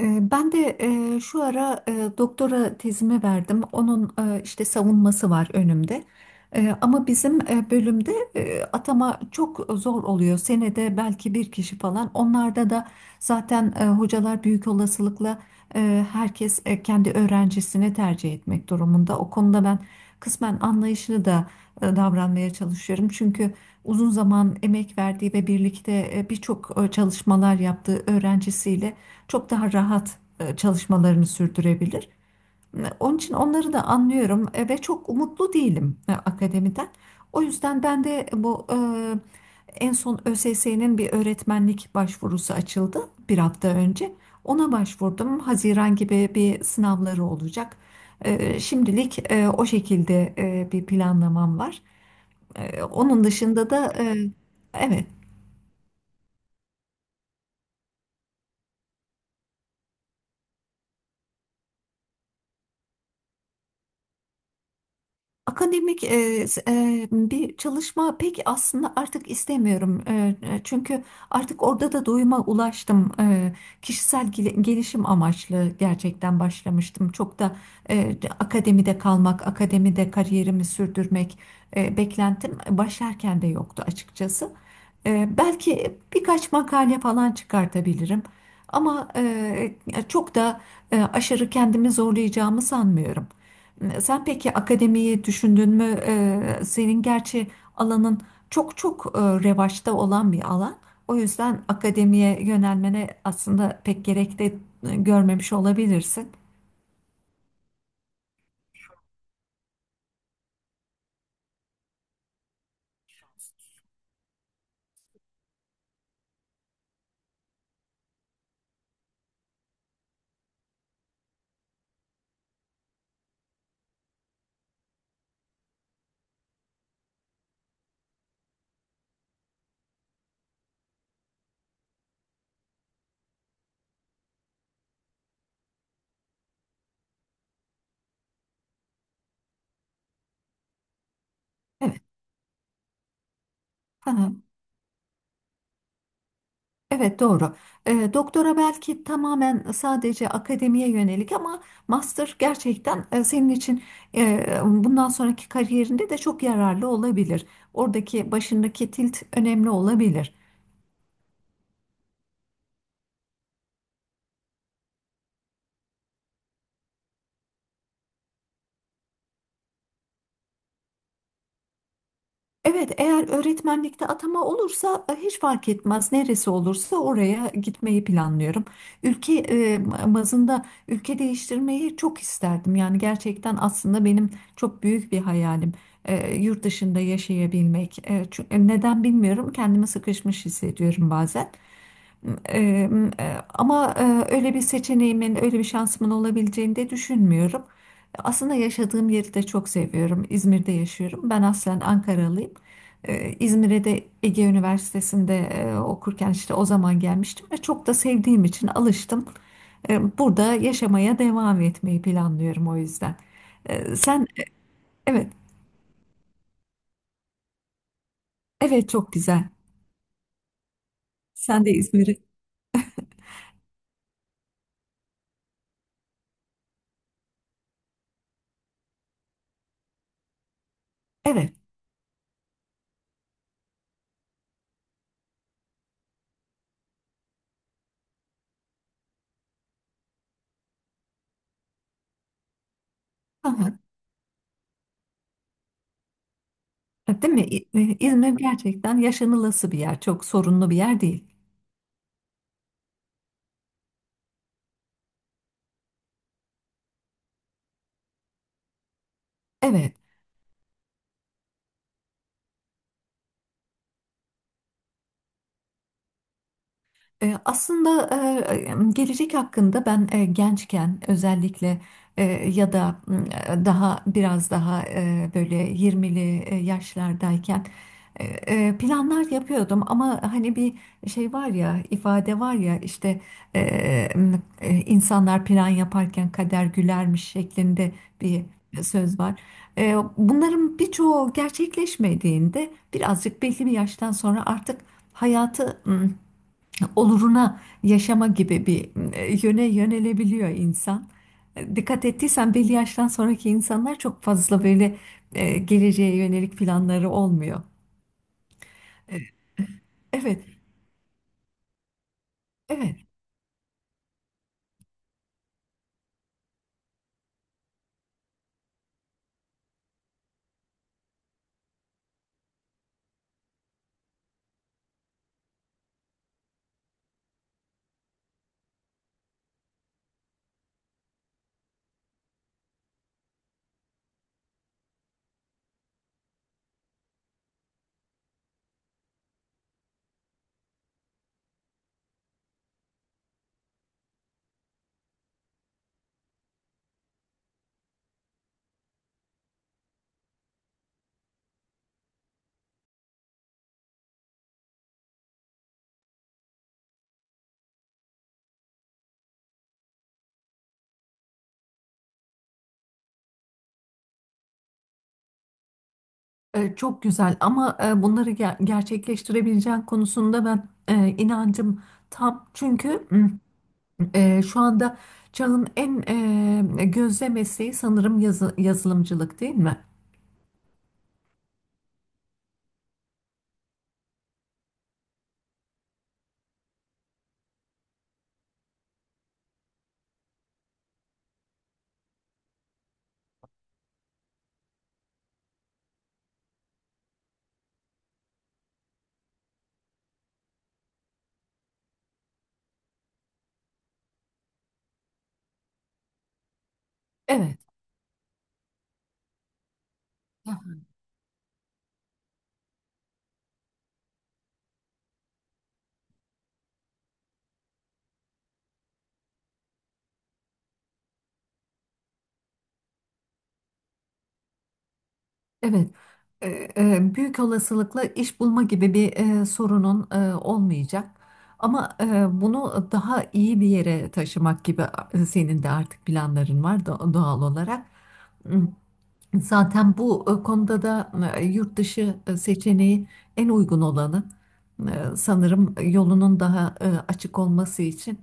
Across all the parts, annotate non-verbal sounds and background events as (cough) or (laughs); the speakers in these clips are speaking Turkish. Ben de şu ara doktora tezimi verdim. Onun işte savunması var önümde. Ama bizim bölümde atama çok zor oluyor. Senede belki bir kişi falan. Onlarda da zaten hocalar büyük olasılıkla herkes kendi öğrencisini tercih etmek durumunda. O konuda ben kısmen anlayışlı da davranmaya çalışıyorum. Çünkü uzun zaman emek verdiği ve birlikte birçok çalışmalar yaptığı öğrencisiyle çok daha rahat çalışmalarını sürdürebilir. Onun için onları da anlıyorum ve çok umutlu değilim akademiden. O yüzden ben de bu en son ÖSS'nin bir öğretmenlik başvurusu açıldı bir hafta önce. Ona başvurdum. Haziran gibi bir sınavları olacak. Şimdilik o şekilde bir planlamam var. Onun dışında da evet, akademik bir çalışma pek aslında artık istemiyorum. Çünkü artık orada da doyuma ulaştım. Kişisel gelişim amaçlı gerçekten başlamıştım. Çok da akademide kalmak, akademide kariyerimi sürdürmek beklentim başlarken de yoktu açıkçası. Belki birkaç makale falan çıkartabilirim. Ama çok da aşırı kendimi zorlayacağımı sanmıyorum. Sen peki akademiyi düşündün mü? Senin gerçi alanın çok çok revaçta olan bir alan. O yüzden akademiye yönelmene aslında pek gerek de görmemiş olabilirsin. Evet, ha, evet, doğru. Doktora belki tamamen sadece akademiye yönelik ama master gerçekten senin için bundan sonraki kariyerinde de çok yararlı olabilir. Oradaki başındaki tilt önemli olabilir. Evet, eğer öğretmenlikte atama olursa hiç fark etmez. Neresi olursa oraya gitmeyi planlıyorum. Ülke bazında ülke değiştirmeyi çok isterdim. Yani gerçekten aslında benim çok büyük bir hayalim. Yurt dışında yaşayabilmek. Neden bilmiyorum. Kendimi sıkışmış hissediyorum bazen. Eee, Ama öyle bir seçeneğimin, öyle bir şansımın olabileceğini de düşünmüyorum. Aslında yaşadığım yeri de çok seviyorum. İzmir'de yaşıyorum. Ben aslen Ankaralıyım. İzmir'e de Ege Üniversitesi'nde okurken işte o zaman gelmiştim ve çok da sevdiğim için alıştım. Burada yaşamaya devam etmeyi planlıyorum o yüzden. Sen. Evet, evet, çok güzel. Sen de İzmir'i. Evet. (laughs) Değil mi? İzmir gerçekten yaşanılası bir yer. Çok sorunlu bir yer değil. Evet. Aslında gelecek hakkında ben gençken özellikle e, ya da daha biraz daha böyle yirmili yaşlardayken planlar yapıyordum ama hani bir şey var ya ifade var ya işte e, insanlar plan yaparken kader gülermiş şeklinde bir söz var. Bunların birçoğu gerçekleşmediğinde birazcık belli bir yaştan sonra artık hayatı oluruna yaşama gibi bir yöne yönelebiliyor insan. Dikkat ettiysen belli yaştan sonraki insanlar çok fazla böyle geleceğe yönelik planları olmuyor. Evet, evet. Çok güzel ama bunları gerçekleştirebileceğin konusunda ben inancım tam. Çünkü şu anda çağın en gözde mesleği sanırım yazılımcılık değil mi? Evet. Evet, e, büyük olasılıkla iş bulma gibi bir sorunun olmayacak. Ama bunu daha iyi bir yere taşımak gibi senin de artık planların var doğal olarak. Hmm, zaten bu konuda da yurt dışı seçeneği en uygun olanı. Sanırım yolunun daha açık olması için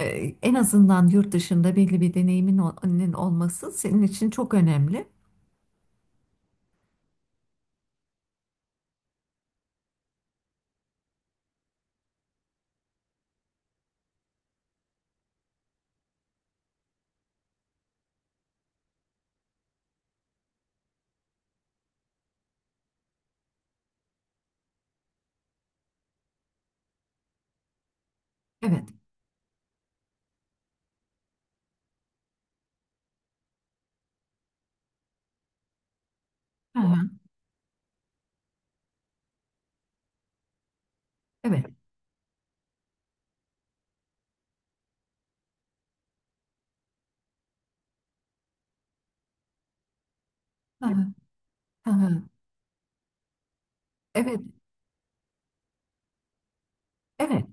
e, en azından yurt dışında belli bir deneyimin olması senin için çok önemli. Evet. Hı hı. Evet. Hı hı. Hı hı. Evet, evet.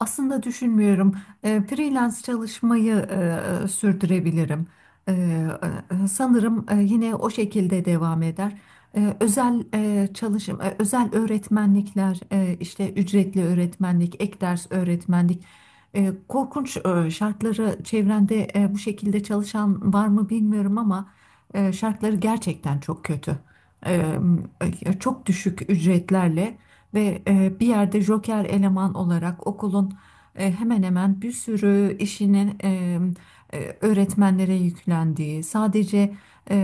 Aslında düşünmüyorum. Freelance çalışmayı sürdürebilirim. E, Sanırım yine o şekilde devam eder. Özel çalışım, özel öğretmenlikler, işte ücretli öğretmenlik, ek ders öğretmenlik. Korkunç şartları çevrende bu şekilde çalışan var mı bilmiyorum ama şartları gerçekten çok kötü. E, Çok düşük ücretlerle. Ve bir yerde joker eleman olarak okulun hemen hemen bir sürü işinin öğretmenlere yüklendiği, sadece e, e,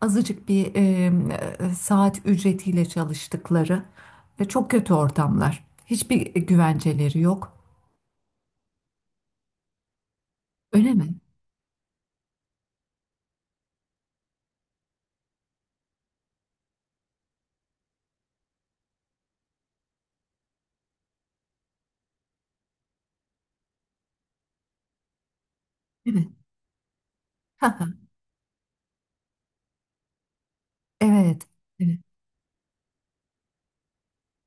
azıcık bir saat ücretiyle çalıştıkları çok kötü ortamlar. Hiçbir güvenceleri yok. Öyle mi? Evet. (laughs) Evet. Evet,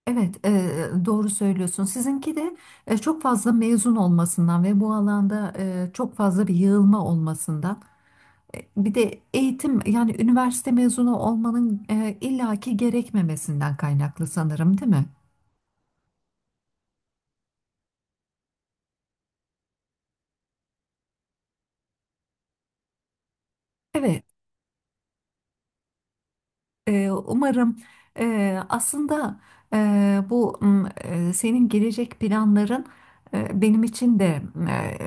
evet, doğru söylüyorsun. Sizinki de çok fazla mezun olmasından ve bu alanda çok fazla bir yığılma olmasından. Bir de eğitim yani üniversite mezunu olmanın illaki gerekmemesinden kaynaklı sanırım, değil mi? Evet. Umarım aslında bu senin gelecek planların benim için de e, e,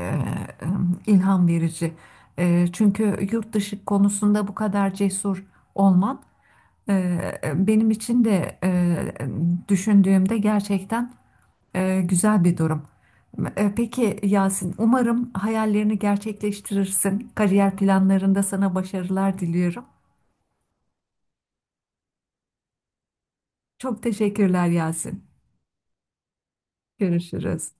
ilham verici. Çünkü yurt dışı konusunda bu kadar cesur olman e, benim için de düşündüğümde gerçekten güzel bir durum. Peki Yasin, umarım hayallerini gerçekleştirirsin. Kariyer planlarında sana başarılar diliyorum. Çok teşekkürler Yasin. Görüşürüz.